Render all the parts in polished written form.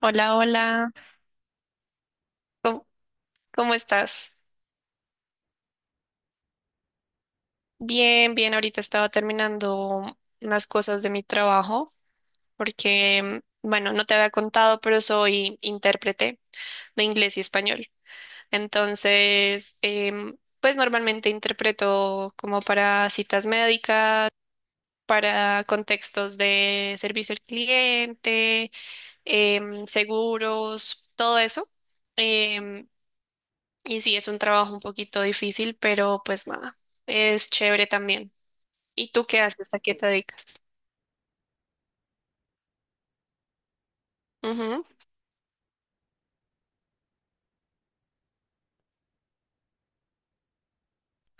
Hola, hola. ¿Cómo, cómo estás? Bien, bien. Ahorita estaba terminando unas cosas de mi trabajo porque, bueno, no te había contado, pero soy intérprete de inglés y español. Entonces, pues normalmente interpreto como para citas médicas, para contextos de servicio al cliente, seguros, todo eso. Em, Y sí, es un trabajo un poquito difícil, pero pues nada, es chévere también. ¿Y tú qué haces? ¿A qué te dedicas? Ujú.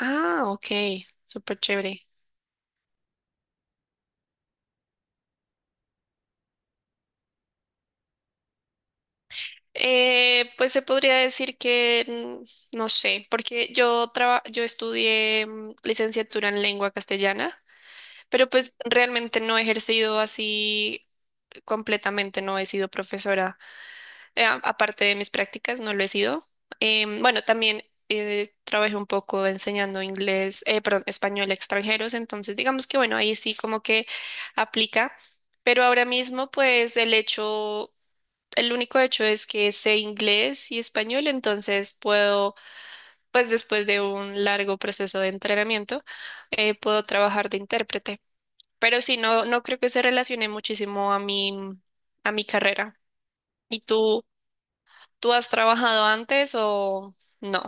Ah, ok, súper chévere. Pues se podría decir que no sé, porque yo estudié licenciatura en lengua castellana, pero pues realmente no he ejercido así completamente, no he sido profesora, aparte de mis prácticas, no lo he sido. Bueno, también trabajé un poco enseñando inglés, perdón, español a extranjeros, entonces digamos que bueno, ahí sí como que aplica, pero ahora mismo pues el único hecho es que sé inglés y español, entonces puedo, pues después de un largo proceso de entrenamiento, puedo trabajar de intérprete, pero sí, no, no creo que se relacione muchísimo a a mi carrera. ¿Y tú? ¿Tú has trabajado antes o no?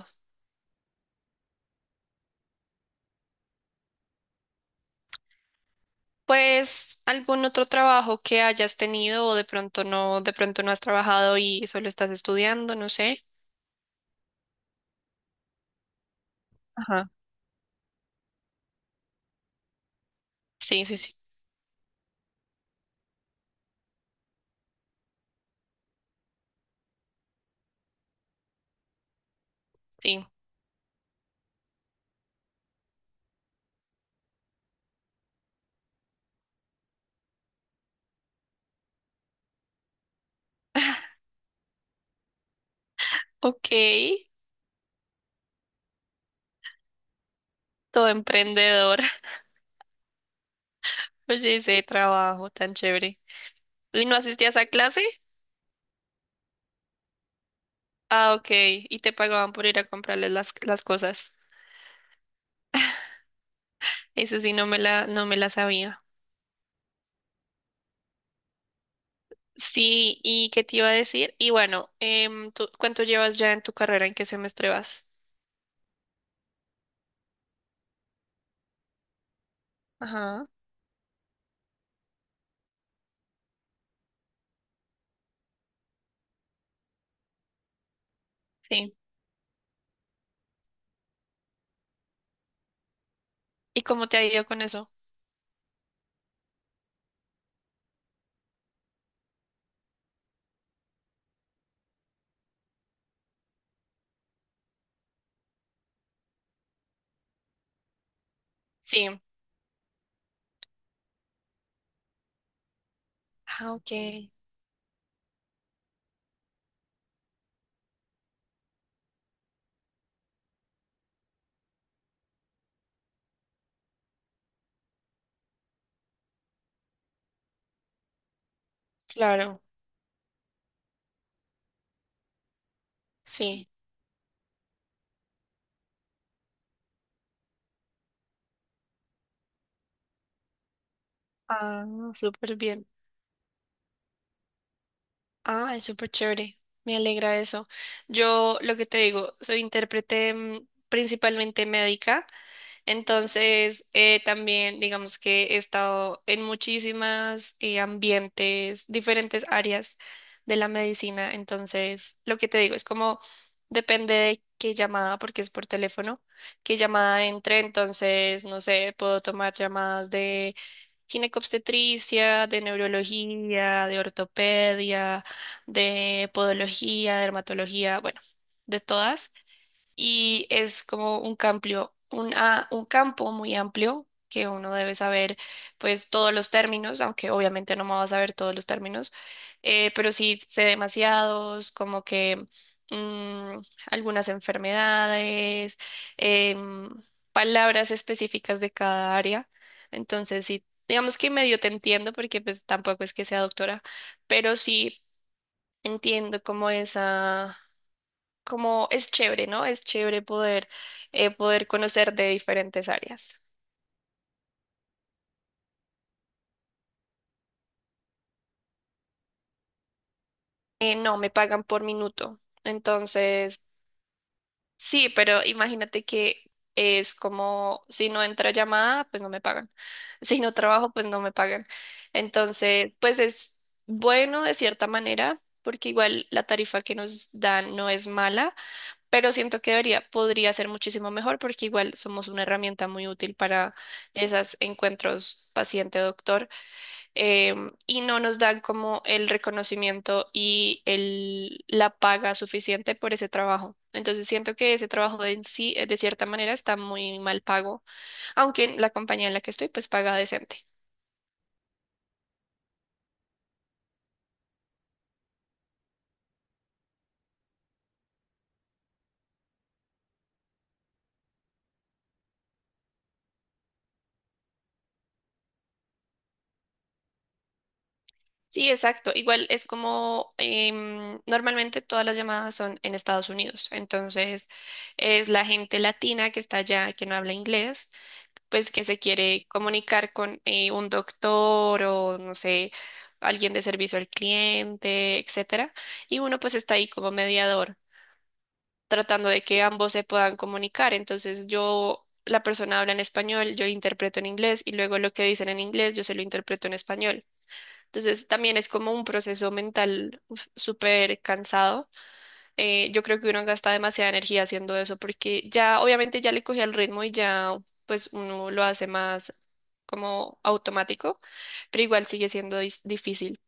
Pues algún otro trabajo que hayas tenido o de pronto no has trabajado y solo estás estudiando, no sé. Ajá. Sí, sí, sí, sí. Ok, todo emprendedora. Oye, ese trabajo tan chévere. ¿Y no asistías a clase? Ah, ok. Y te pagaban por ir a comprarles las cosas. Eso sí, no me la sabía. Sí, ¿y qué te iba a decir? Y bueno, ¿tú- ¿cuánto llevas ya en tu carrera? ¿En qué semestre vas? Ajá. Sí. ¿Y cómo te ha ido con eso? Sí. Ah, ok. Claro. Sí. Ah, súper bien. Ah, es súper chévere. Me alegra eso. Yo lo que te digo, soy intérprete principalmente médica, entonces también digamos que he estado en muchísimas ambientes, diferentes áreas de la medicina, entonces lo que te digo es como depende de qué llamada, porque es por teléfono, qué llamada entre, entonces no sé, puedo tomar llamadas ginecobstetricia, de neurología, de ortopedia, de podología, dermatología, bueno, de todas, y es como un cambio, un campo muy amplio que uno debe saber pues todos los términos, aunque obviamente no me va a saber todos los términos, pero sí sé demasiados, como que mm, algunas enfermedades, em, palabras específicas de cada área. Entonces sí, digamos que medio te entiendo porque pues tampoco es que sea doctora, pero sí entiendo como esa, como es chévere, ¿no? Es chévere poder, poder conocer de diferentes áreas. No, me pagan por minuto. Entonces, sí, pero imagínate que es como si no entra llamada, pues no me pagan. Si no trabajo, pues no me pagan. Entonces, pues es bueno de cierta manera, porque igual la tarifa que nos dan no es mala, pero siento que debería, podría ser muchísimo mejor porque igual somos una herramienta muy útil para esos encuentros paciente-doctor, y no nos dan como el reconocimiento y la paga suficiente por ese trabajo. Entonces siento que ese trabajo en sí, de cierta manera, está muy mal pago, aunque la compañía en la que estoy pues paga decente. Sí, exacto. Igual es como, normalmente todas las llamadas son en Estados Unidos, entonces es la gente latina que está allá, que no habla inglés, pues que se quiere comunicar con un doctor o no sé, alguien de servicio al cliente, etcétera, y uno pues está ahí como mediador, tratando de que ambos se puedan comunicar. Entonces yo, la persona habla en español, yo interpreto en inglés y luego lo que dicen en inglés yo se lo interpreto en español. Entonces también es como un proceso mental uf, súper cansado, yo creo que uno gasta demasiada energía haciendo eso porque ya obviamente ya le cogí el ritmo y ya pues uno lo hace más como automático, pero igual sigue siendo difícil.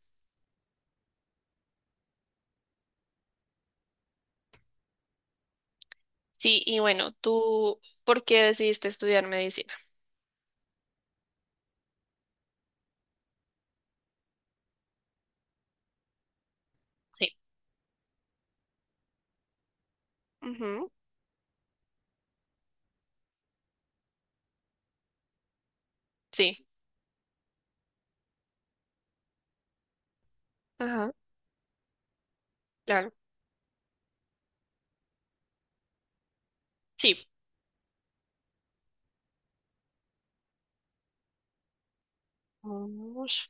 Sí, y bueno, ¿tú por qué decidiste estudiar medicina? Sí. Ujú. Sí. Ajá, claro. Sí. Ush.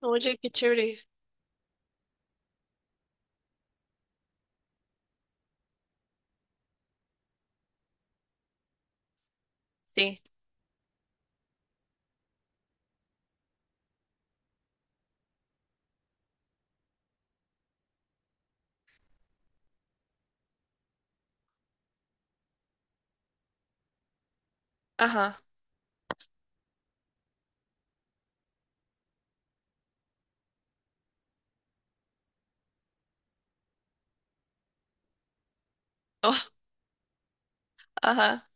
Oye, qué chévere. Sí. Ajá. Oh, ajá.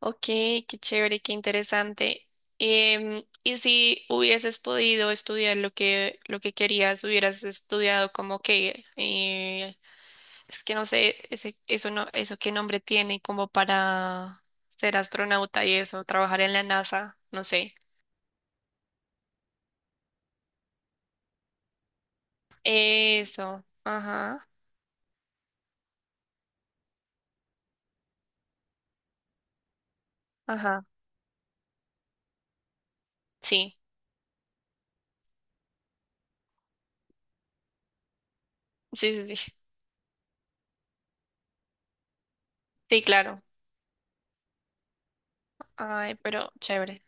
Ok, qué chévere, qué interesante. Y si hubieses podido estudiar lo que querías, hubieras estudiado como que, es que no sé, eso no, eso qué nombre tiene como para ser astronauta y eso, trabajar en la NASA, no sé. Eso, ajá, ajá, sí, sí, sí, sí, sí, claro. Ay, pero chévere.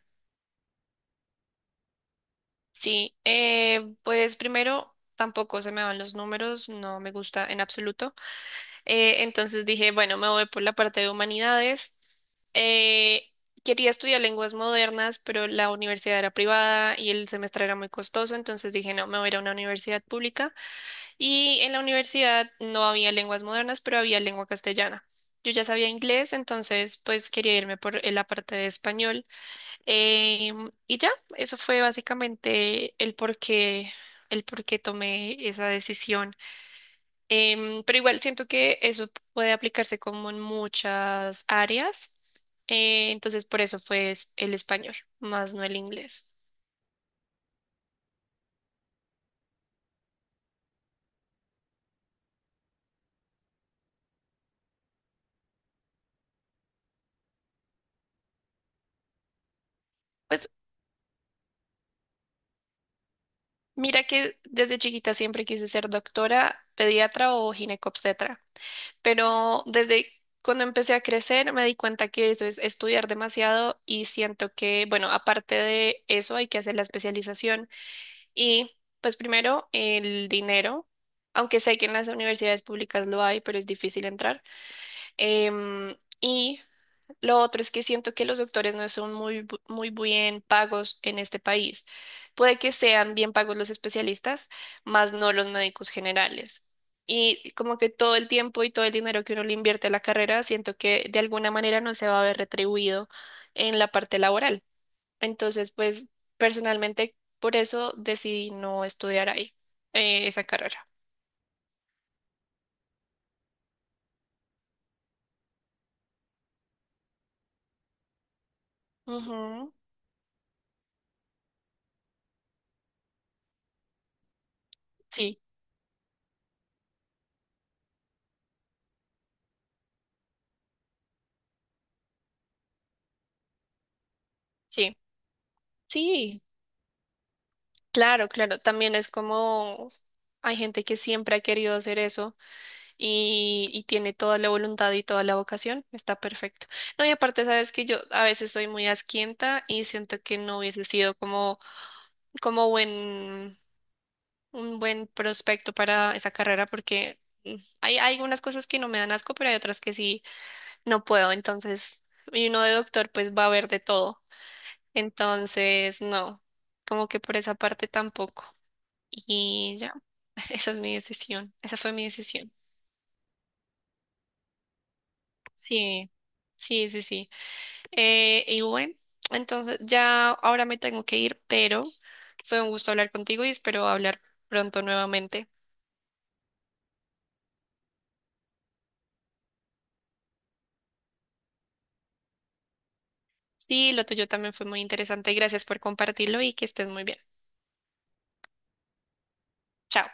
Sí, pues primero tampoco se me van los números, no me gusta en absoluto. Entonces dije, bueno, me voy por la parte de humanidades. Eh, Quería estudiar lenguas modernas, pero la universidad era privada y el semestre era muy costoso, entonces dije, no, me voy a ir a una universidad pública. Y en la universidad no había lenguas modernas, pero había lengua castellana. Yo ya sabía inglés, entonces pues quería irme por la parte de español. Y ya, eso fue básicamente el por qué tomé esa decisión. Pero igual siento que eso puede aplicarse como en muchas áreas. Entonces, por eso fue el español, más no el inglés. Pues mira que desde chiquita siempre quise ser doctora, pediatra o ginecobstetra, pero desde cuando empecé a crecer me di cuenta que eso es estudiar demasiado y siento que, bueno, aparte de eso hay que hacer la especialización y pues primero el dinero, aunque sé que en las universidades públicas lo hay, pero es difícil entrar. Y lo otro es que siento que los doctores no son muy, muy bien pagos en este país. Puede que sean bien pagos los especialistas, más no los médicos generales. Y como que todo el tiempo y todo el dinero que uno le invierte a la carrera, siento que de alguna manera no se va a ver retribuido en la parte laboral. Entonces, pues personalmente por eso decidí no estudiar ahí, esa carrera. Ujú. Sí, sí, sí. Claro, claro, también es como hay gente que siempre ha querido hacer eso y tiene toda la voluntad y toda la vocación, está perfecto. No, y aparte sabes que yo a veces soy muy asquienta y siento que no hubiese sido como, como buen, un buen prospecto para esa carrera porque mm, hay algunas cosas que no me dan asco, pero hay otras que sí no puedo, entonces, y uno de doctor pues va a ver de todo, entonces no, como que por esa parte tampoco. Y ya. Esa es mi decisión. Esa fue mi decisión. Sí, sí, sí, sí. Y bueno, entonces ya ahora me tengo que ir, pero fue un gusto hablar contigo y espero hablar pronto nuevamente. Sí, lo tuyo también fue muy interesante. Gracias por compartirlo y que estés muy bien. Chao.